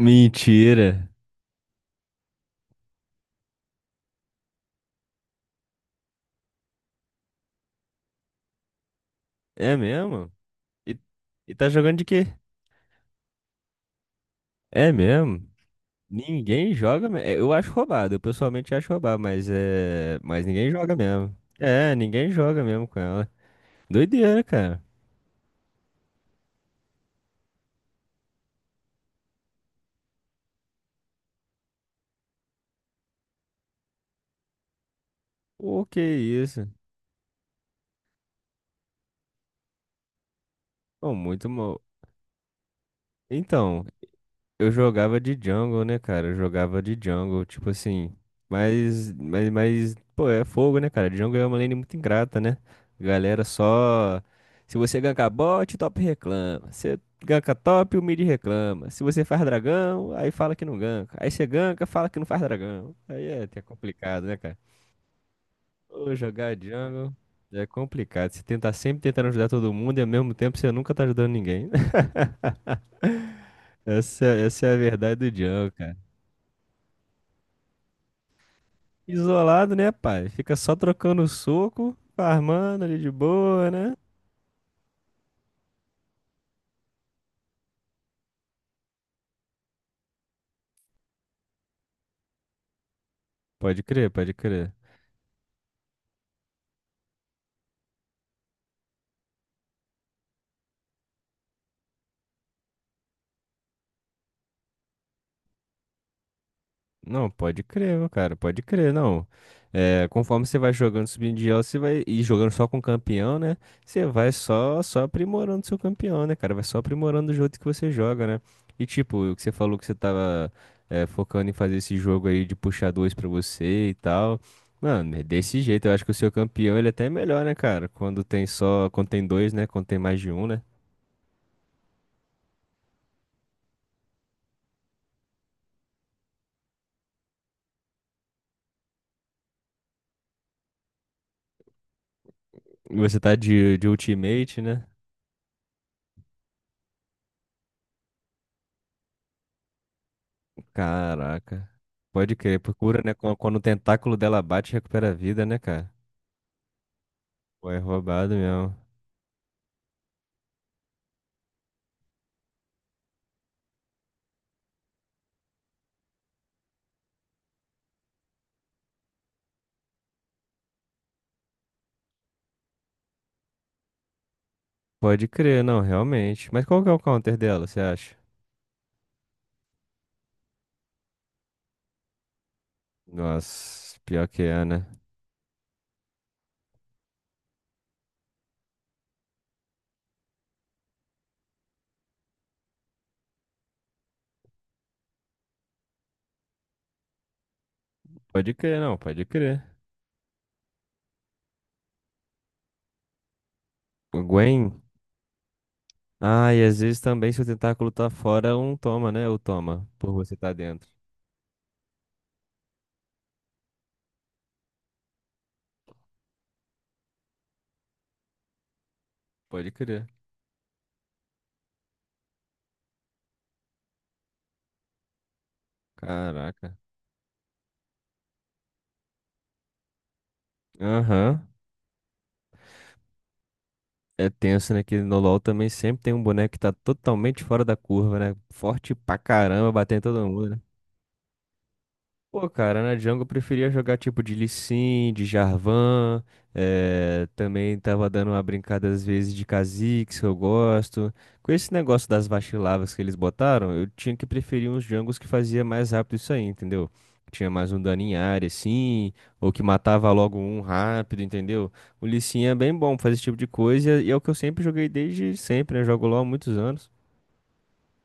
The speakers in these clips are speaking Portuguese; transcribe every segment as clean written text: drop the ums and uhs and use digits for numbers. Mentira. É mesmo? E, e tá jogando de quê? É mesmo? Ninguém joga. Eu acho roubado. Eu pessoalmente acho roubado, mas é. Mas ninguém joga mesmo. É, ninguém joga mesmo com ela. Doideira, cara. O que é isso? Pô, muito mal. Então, eu jogava de jungle, né, cara? Eu jogava de jungle, tipo assim. Mas, pô, é fogo, né, cara? Jungle é uma lane muito ingrata, né? Galera só. Se você ganka bot, o top reclama. Se ganka top, o mid reclama. Se você faz dragão, aí fala que não ganka. Aí você ganka, fala que não faz dragão. Aí é complicado, né, cara? Pô, jogar jungle é complicado. Você tenta sempre tentando ajudar todo mundo e ao mesmo tempo você nunca tá ajudando ninguém. Essa é a verdade do jungle, cara. Isolado, né, pai? Fica só trocando soco, farmando ali de boa, né? Pode crer, pode crer. Não, pode crer, meu cara, pode crer, não. É, conforme você vai jogando, subindo de elo, você vai e jogando só com campeão, né? Você vai só aprimorando seu campeão, né, cara? Vai só aprimorando o jogo que você joga, né? E tipo, o que você falou que você tava focando em fazer esse jogo aí de puxar dois pra você e tal. Mano, é desse jeito, eu acho que o seu campeão ele até é melhor, né, cara? Quando tem só, quando tem dois, né? Quando tem mais de um, né? E você tá de ultimate, né? Caraca. Pode crer, procura, né? Quando o tentáculo dela bate, recupera a vida, né, cara? Pô, é roubado mesmo. Pode crer, não, realmente. Mas qual que é o counter dela, você acha? Nossa, pior que é, né? Pode crer, não, pode crer. O Gwen? Ah, e às vezes também, se o tentáculo tá fora, um toma, né? Ou toma, por você tá dentro. Pode crer. Caraca. Aham. É tenso, né? Que no LoL também sempre tem um boneco que tá totalmente fora da curva, né? Forte pra caramba, batendo em todo mundo, né? Pô, cara, na Jungle eu preferia jogar tipo de Lee Sin, de Jarvan, também tava dando uma brincada às vezes de Kha'Zix, que eu gosto. Com esse negócio das vacilavas que eles botaram, eu tinha que preferir uns jungles que fazia mais rápido isso aí, entendeu? Que tinha mais um dano em área, assim, ou que matava logo um rápido, entendeu? O Lee Sin é bem bom pra fazer esse tipo de coisa e é o que eu sempre joguei desde sempre, né? Jogo LoL há muitos anos.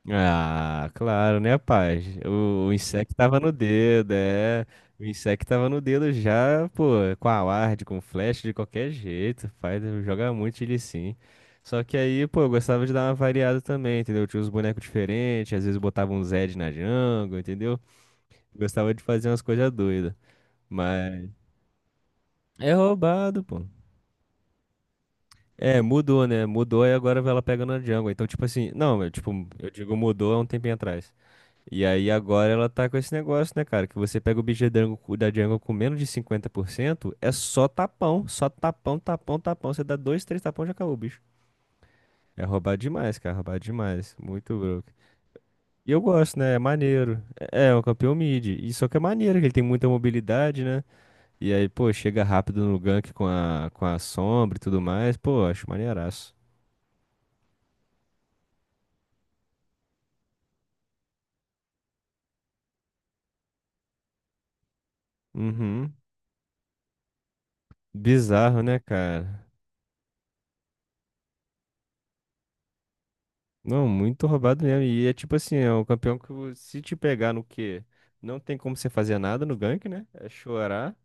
Ah, claro, né, rapaz? O Insect tava no dedo, é. O Insect tava no dedo já, pô, com a ward, com flash, de qualquer jeito, rapaz. Joga muito ele sim. Só que aí, pô, eu gostava de dar uma variada também, entendeu? Eu tinha uns bonecos diferentes, às vezes botava um Zed na jungle, entendeu? Gostava de fazer umas coisas doidas. Mas é roubado, pô. É, mudou, né? Mudou e agora ela pega na jungle. Então, tipo assim, não, eu, tipo, eu digo mudou há um tempinho atrás. E aí agora ela tá com esse negócio, né, cara? Que você pega o bicho da Django, da Django com menos de 50% é só tapão, tapão, tapão. Você dá dois, três tapão, já acabou o bicho. É roubado demais, cara, roubado demais. Muito broke. E eu gosto, né? É maneiro. É, é um campeão mid. E só que é maneiro, que ele tem muita mobilidade, né? E aí, pô, chega rápido no gank com a, sombra e tudo mais. Pô, acho maneiraço. Uhum. Bizarro, né, cara? Não, muito roubado mesmo. E é tipo assim, é um campeão que se te pegar no quê? Não tem como você fazer nada no gank, né? É chorar.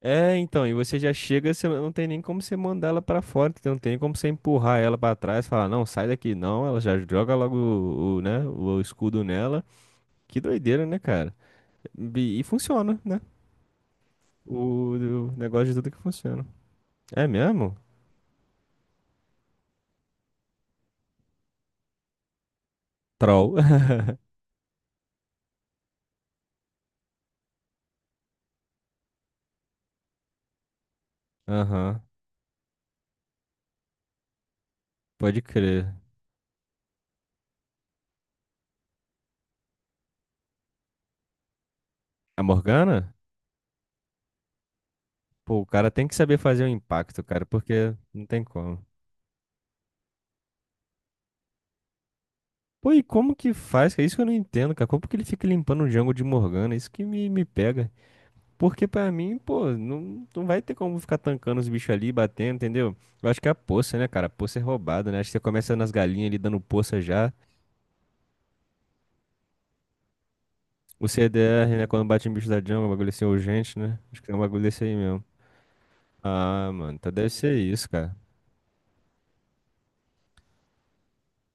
É, então, e você já chega, você não tem nem como você mandar ela pra fora, entendeu? Não tem como você empurrar ela pra trás, falar, não, sai daqui, não, ela já joga logo o, né, o escudo nela. Que doideira, né, cara? E funciona, né? O, o negócio de tudo que funciona. É mesmo? Troll. Aham, pode crer. A Morgana? Pô, o cara tem que saber fazer o impacto, cara, porque não tem como. Pô, e como que faz? É isso que eu não entendo, cara. Como que ele fica limpando o Django de Morgana? Isso que me pega. Porque pra mim, pô, não, não vai ter como ficar tancando os bichos ali, batendo, entendeu? Eu acho que é a poça, né, cara? A poça é roubada, né? Acho que você começa nas galinhas ali dando poça já. O CDR, né, quando bate em bicho da Django, é um bagulho assim urgente, né? Acho que é um bagulho desse aí mesmo. Ah, mano, então deve ser isso, cara.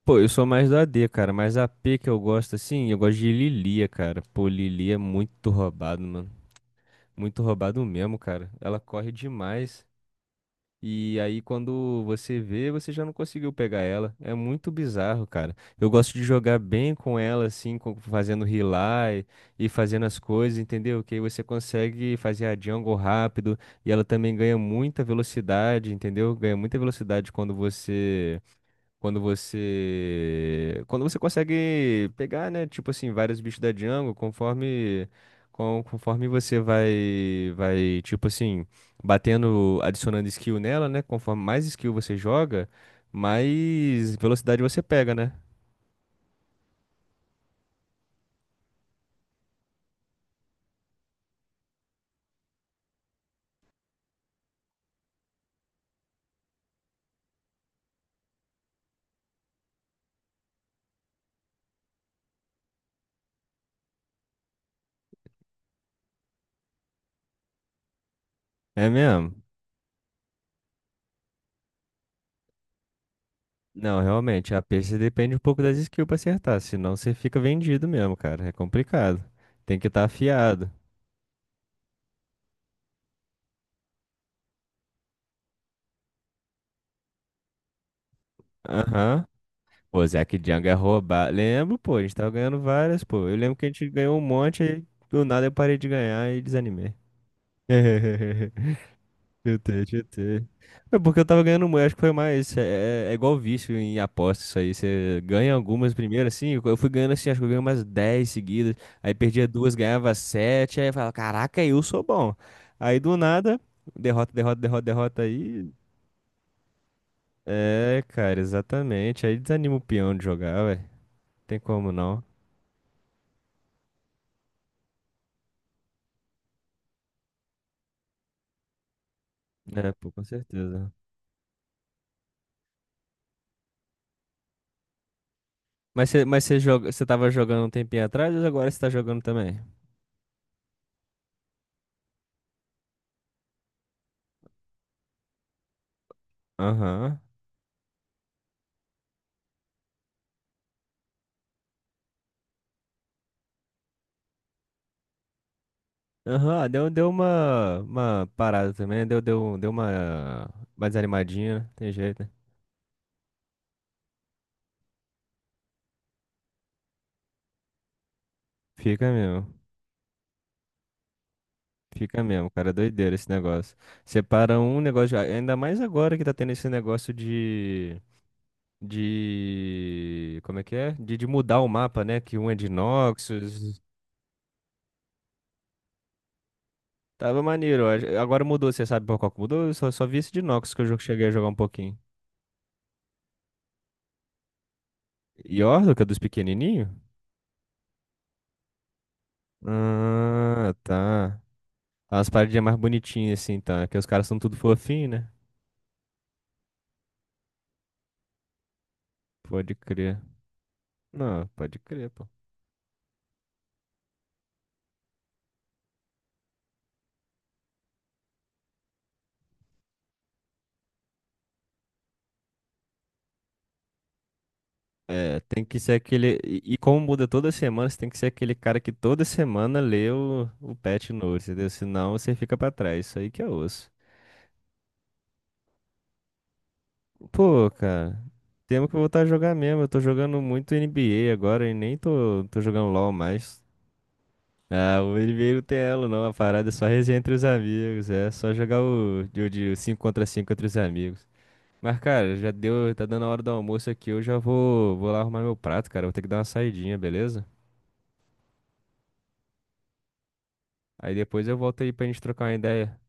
Pô, eu sou mais do AD, cara, mas a P que eu gosto, assim, eu gosto de Lilia, cara. Pô, Lilia é muito roubado, mano. Muito roubado mesmo, cara. Ela corre demais. E aí, quando você vê, você já não conseguiu pegar ela. É muito bizarro, cara. Eu gosto de jogar bem com ela, assim, fazendo rely e fazendo as coisas, entendeu? Que aí você consegue fazer a jungle rápido. E ela também ganha muita velocidade, entendeu? Ganha muita velocidade quando você. Consegue pegar, né? Tipo assim, vários bichos da jungle, Conforme você vai, tipo assim, batendo, adicionando skill nela, né? Conforme mais skill você joga, mais velocidade você pega, né? É mesmo? Não, realmente, a peixe depende um pouco das skills pra acertar, senão você fica vendido mesmo, cara. É complicado. Tem que estar afiado. Aham. Pô, Zack Django é roubado. Lembro, pô, a gente tava ganhando várias, pô. Eu lembro que a gente ganhou um monte e do nada eu parei de ganhar e desanimei. Chutei, chutei. É porque eu tava ganhando muito, acho que foi mais. É igual vício em aposta, isso aí. Você ganha algumas primeiro, assim. Eu fui ganhando assim, acho que eu ganhei umas 10 seguidas. Aí perdia duas, ganhava sete. Aí eu falava, caraca, eu sou bom. Aí do nada, derrota, derrota, derrota, derrota aí. É, cara, exatamente. Aí desanima o peão de jogar, ué. Tem como não. É, pô, com certeza. Mas você joga, você tava jogando um tempinho atrás ou agora você tá jogando também? Aham. Aham, deu uma parada também, né? Deu uma desanimadinha, né? Tem jeito, né? Fica mesmo, fica mesmo, cara, doideira esse negócio. Separa um negócio, ainda mais agora que tá tendo esse negócio de, como é que é? De mudar o mapa, né? Que um é de Noxus. Tava maneiro. Ó. Agora mudou, você sabe por qual que mudou? Eu só vi esse de Nox que eu cheguei a jogar um pouquinho. Yordle, que é dos pequenininhos? Ah, tá. As paradinhas mais bonitinhas assim, tá? É que os caras são tudo fofinho, né? Pode crer. Não, pode crer, pô. É, tem que ser aquele. E como muda toda semana, você tem que ser aquele cara que toda semana lê o patch note, entendeu? Senão você fica pra trás. Isso aí que é osso. Pô, cara, temos que voltar a jogar mesmo. Eu tô jogando muito NBA agora e nem tô jogando LoL mais. Ah, o NBA não tem elo não, a parada é só resenha entre os amigos, é só jogar o de 5 contra 5 entre os amigos. Mas, cara, já deu, tá dando a hora do almoço aqui, eu já vou lá arrumar meu prato, cara, vou ter que dar uma saidinha, beleza? Aí depois eu volto aí pra gente trocar uma ideia.